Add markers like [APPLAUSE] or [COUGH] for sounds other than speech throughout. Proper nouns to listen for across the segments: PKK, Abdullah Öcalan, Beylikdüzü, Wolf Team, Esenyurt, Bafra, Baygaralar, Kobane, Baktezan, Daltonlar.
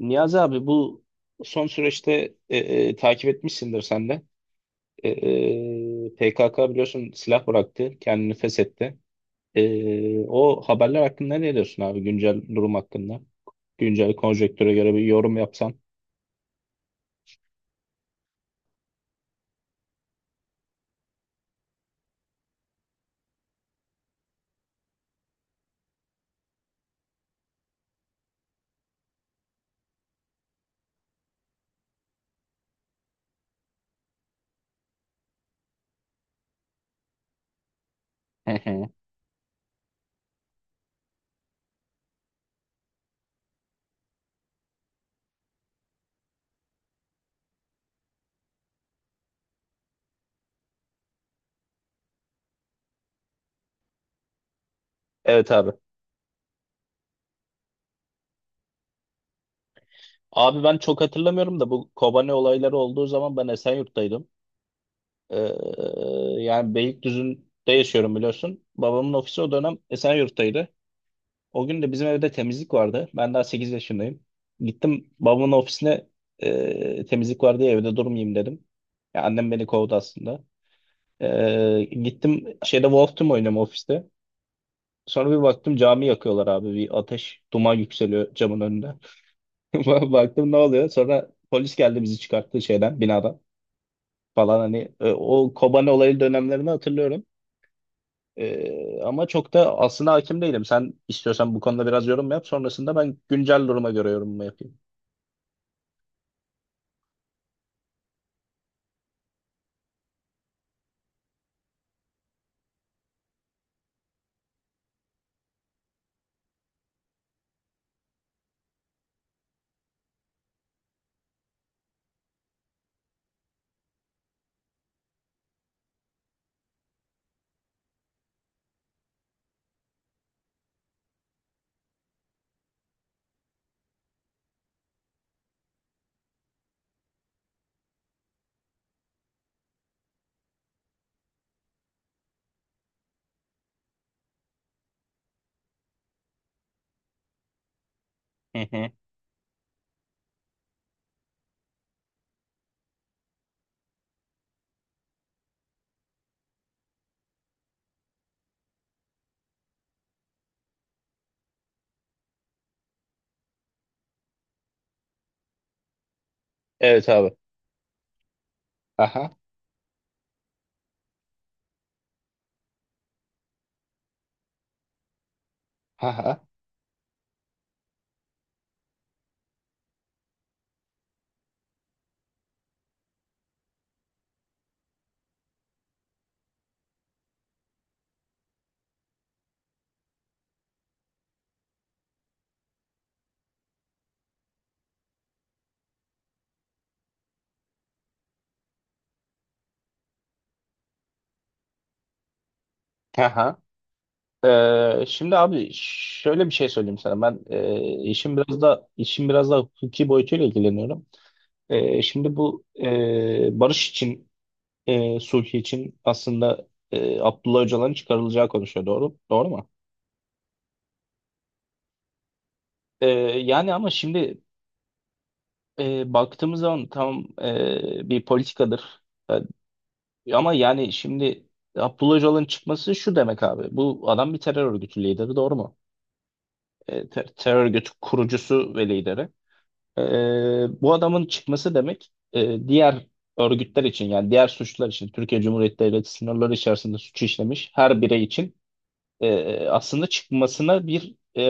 Niyazi abi bu son süreçte takip etmişsindir sen de. PKK biliyorsun silah bıraktı, kendini feshetti. O haberler hakkında ne diyorsun abi, güncel durum hakkında? Güncel konjektüre göre bir yorum yapsan. [LAUGHS] Evet abi. Abi ben çok hatırlamıyorum da, bu Kobane olayları olduğu zaman ben Esenyurt'taydım. Ee, Yani Beylikdüzü'nde yaşıyorum biliyorsun. Babamın ofisi o dönem Esenyurt'taydı. O gün de bizim evde temizlik vardı. Ben daha 8 yaşındayım. Gittim babamın ofisine, temizlik var diye evde durmayayım dedim. Ya annem beni kovdu aslında. Gittim şeyde Wolf Team oynuyorum ofiste. Sonra bir baktım cami yakıyorlar abi. Bir ateş, duman yükseliyor camın önünde. [LAUGHS] Baktım ne oluyor? Sonra polis geldi, bizi çıkarttı şeyden, binadan falan. Hani o Kobani olayı dönemlerini hatırlıyorum. Ama çok da aslında hakim değilim. Sen istiyorsan bu konuda biraz yorum yap. Sonrasında ben güncel duruma göre yorumumu yapayım. Hı hı. Evet abi. Aha. Aha. Aha. Şimdi abi şöyle bir şey söyleyeyim sana. Ben işim biraz da işim biraz da hukuki boyutuyla ilgileniyorum. Şimdi bu, barış için, sulh için aslında Abdullah Öcalan'ın çıkarılacağı konuşuyor. Doğru. Doğru mu? Ee, Yani ama şimdi baktığımız zaman tam bir politikadır. Ama yani şimdi Abdullah Öcalan'ın çıkması şu demek abi. Bu adam bir terör örgütü lideri, doğru mu? Terör örgütü kurucusu ve lideri. E, Bu adamın çıkması demek, diğer örgütler için, yani diğer suçlar için Türkiye Cumhuriyeti Devleti sınırları içerisinde suç işlemiş her birey için aslında çıkmasına bir,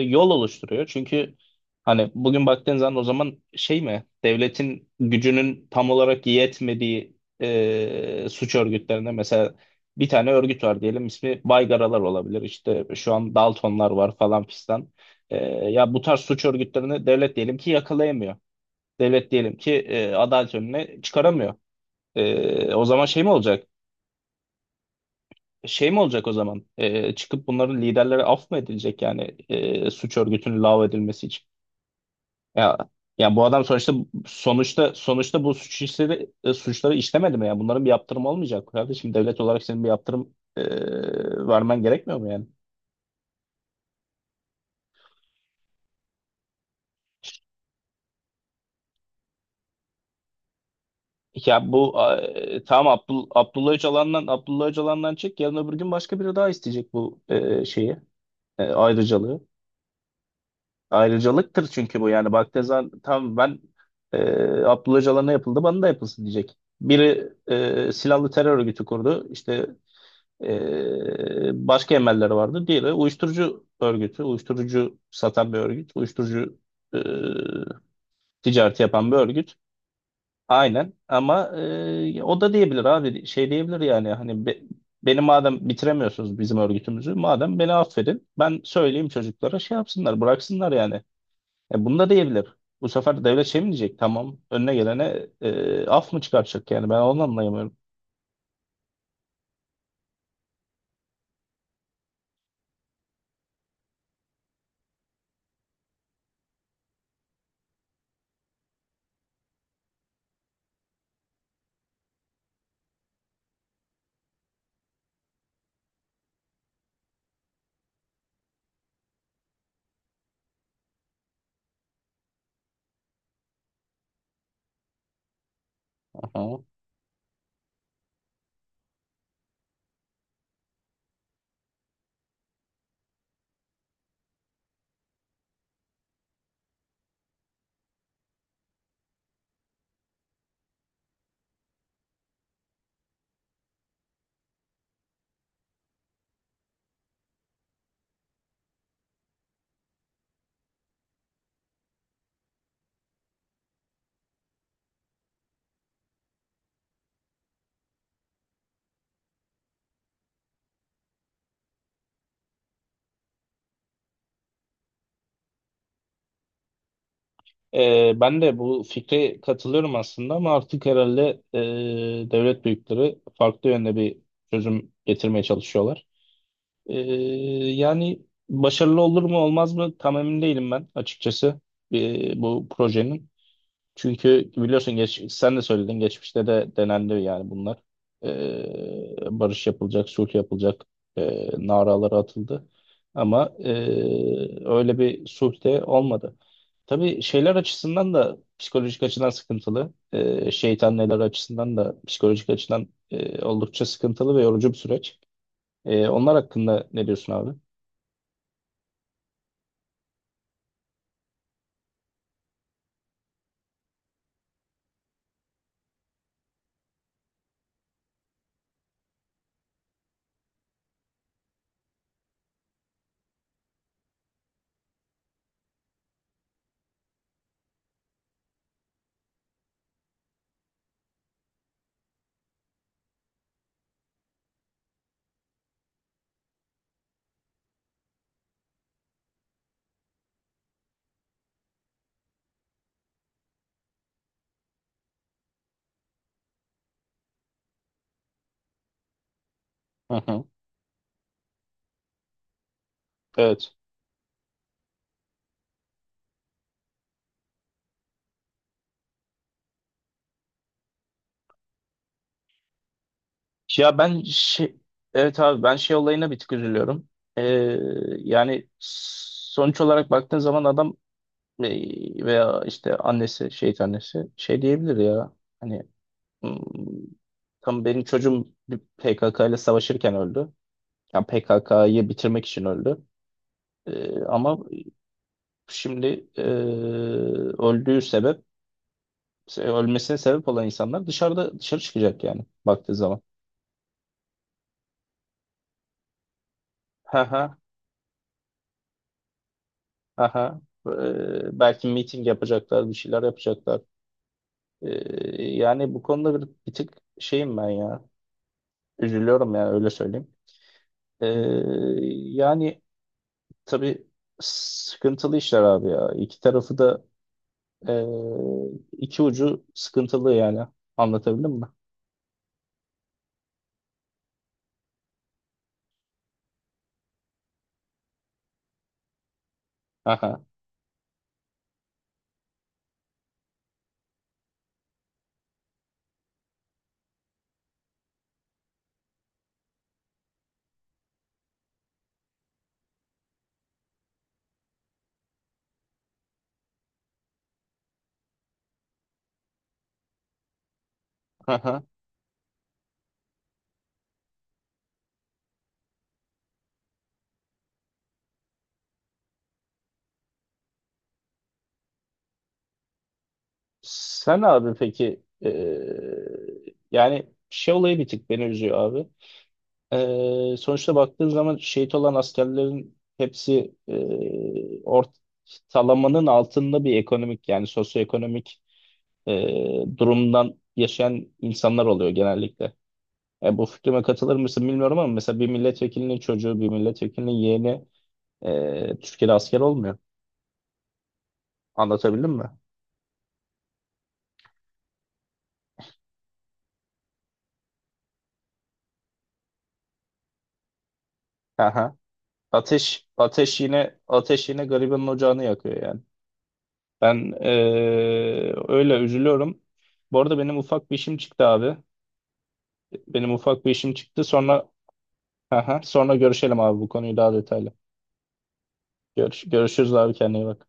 yol oluşturuyor. Çünkü hani bugün baktığın zaman, o zaman şey mi, devletin gücünün tam olarak yetmediği suç örgütlerine. Mesela bir tane örgüt var diyelim, ismi Baygaralar olabilir, işte şu an Daltonlar var falan fistan. E, Ya bu tarz suç örgütlerini devlet diyelim ki yakalayamıyor. Devlet diyelim ki adalet önüne çıkaramıyor. O zaman şey mi olacak? Şey mi olacak o zaman? Çıkıp bunların liderlere af mı edilecek, yani suç örgütünün lağv edilmesi için? Ya ya bu adam sonuçta, sonuçta bu suç işleri, suçları işlemedi mi ya? Bunların bir yaptırımı olmayacak mı kardeşim? Devlet olarak senin bir yaptırım, vermen gerekmiyor mu yani? Ya bu tamam, Abdullah Öcalan'dan, Abdullah Öcalan'dan çek yarın öbür gün başka biri daha isteyecek bu şeyi, ayrıcalığı. Ayrıcalıktır çünkü bu. Yani Baktezan tam ben, e, Abdullah Öcalan'a ne yapıldı bana da yapılsın diyecek. Biri silahlı terör örgütü kurdu, işte başka emelleri vardı. Diğeri uyuşturucu örgütü, uyuşturucu satan bir örgüt, uyuşturucu e, ticareti yapan bir örgüt. Aynen ama o da diyebilir abi, şey diyebilir yani, hani beni madem bitiremiyorsunuz, bizim örgütümüzü madem, beni affedin, ben söyleyeyim çocuklara, şey yapsınlar, bıraksınlar yani. Bunu da diyebilir. Bu sefer devlet şey mi diyecek? Tamam. Önüne gelene af mı çıkaracak yani? Ben onu anlayamıyorum. Aha. Ben de bu fikre katılıyorum aslında, ama artık herhalde devlet büyükleri farklı yönde bir çözüm getirmeye çalışıyorlar. E, Yani başarılı olur mu olmaz mı tam emin değilim ben, açıkçası bu projenin. Çünkü biliyorsun sen de söyledin, geçmişte de denendi yani bunlar. Barış yapılacak, sulh yapılacak, naraları atıldı. Ama öyle bir sulh de olmadı. Tabii şeyler açısından da psikolojik açıdan sıkıntılı. Şeytan neler açısından da psikolojik açıdan oldukça sıkıntılı ve yorucu bir süreç. Onlar hakkında ne diyorsun abi? Hı hı. Evet. Ya ben şey, evet abi, ben şey olayına bir tık üzülüyorum. Ee, Yani sonuç olarak baktığın zaman adam, veya işte annesi, şehit annesi şey diyebilir ya. Hani, "Hmm, tam benim çocuğum bir PKK ile savaşırken öldü. Yani PKK'yı bitirmek için öldü. Ama şimdi öldüğü sebep, ölmesine sebep olan insanlar dışarıda, dışarı çıkacak yani baktığı zaman. [LAUGHS] Aha, belki meeting yapacaklar, bir şeyler yapacaklar. E, Yani bu konuda bir, bir tık şeyim ben ya. Üzülüyorum yani, öyle söyleyeyim. E, Yani tabii sıkıntılı işler abi ya. İki tarafı da, e, iki ucu sıkıntılı yani. Anlatabildim mi? Aha, aha. Sen abi peki yani şey olayı bir tık beni üzüyor abi. Sonuçta baktığın zaman şehit olan askerlerin hepsi ortalamanın altında bir ekonomik, yani sosyoekonomik e, durumdan yaşayan insanlar oluyor genellikle. Bu fikrime katılır mısın bilmiyorum, ama mesela bir milletvekilinin çocuğu, bir milletvekilinin yeğeni Türkiye'de asker olmuyor. Anlatabildim mi? Aha. Ateş, ateş, ateş yine garibanın ocağını yakıyor yani. Ben e, Öyle üzülüyorum. Bu arada benim ufak bir işim çıktı abi. Benim ufak bir işim çıktı. Sonra [LAUGHS] sonra görüşelim abi, bu konuyu daha detaylı. Görüşürüz abi, kendine iyi bak.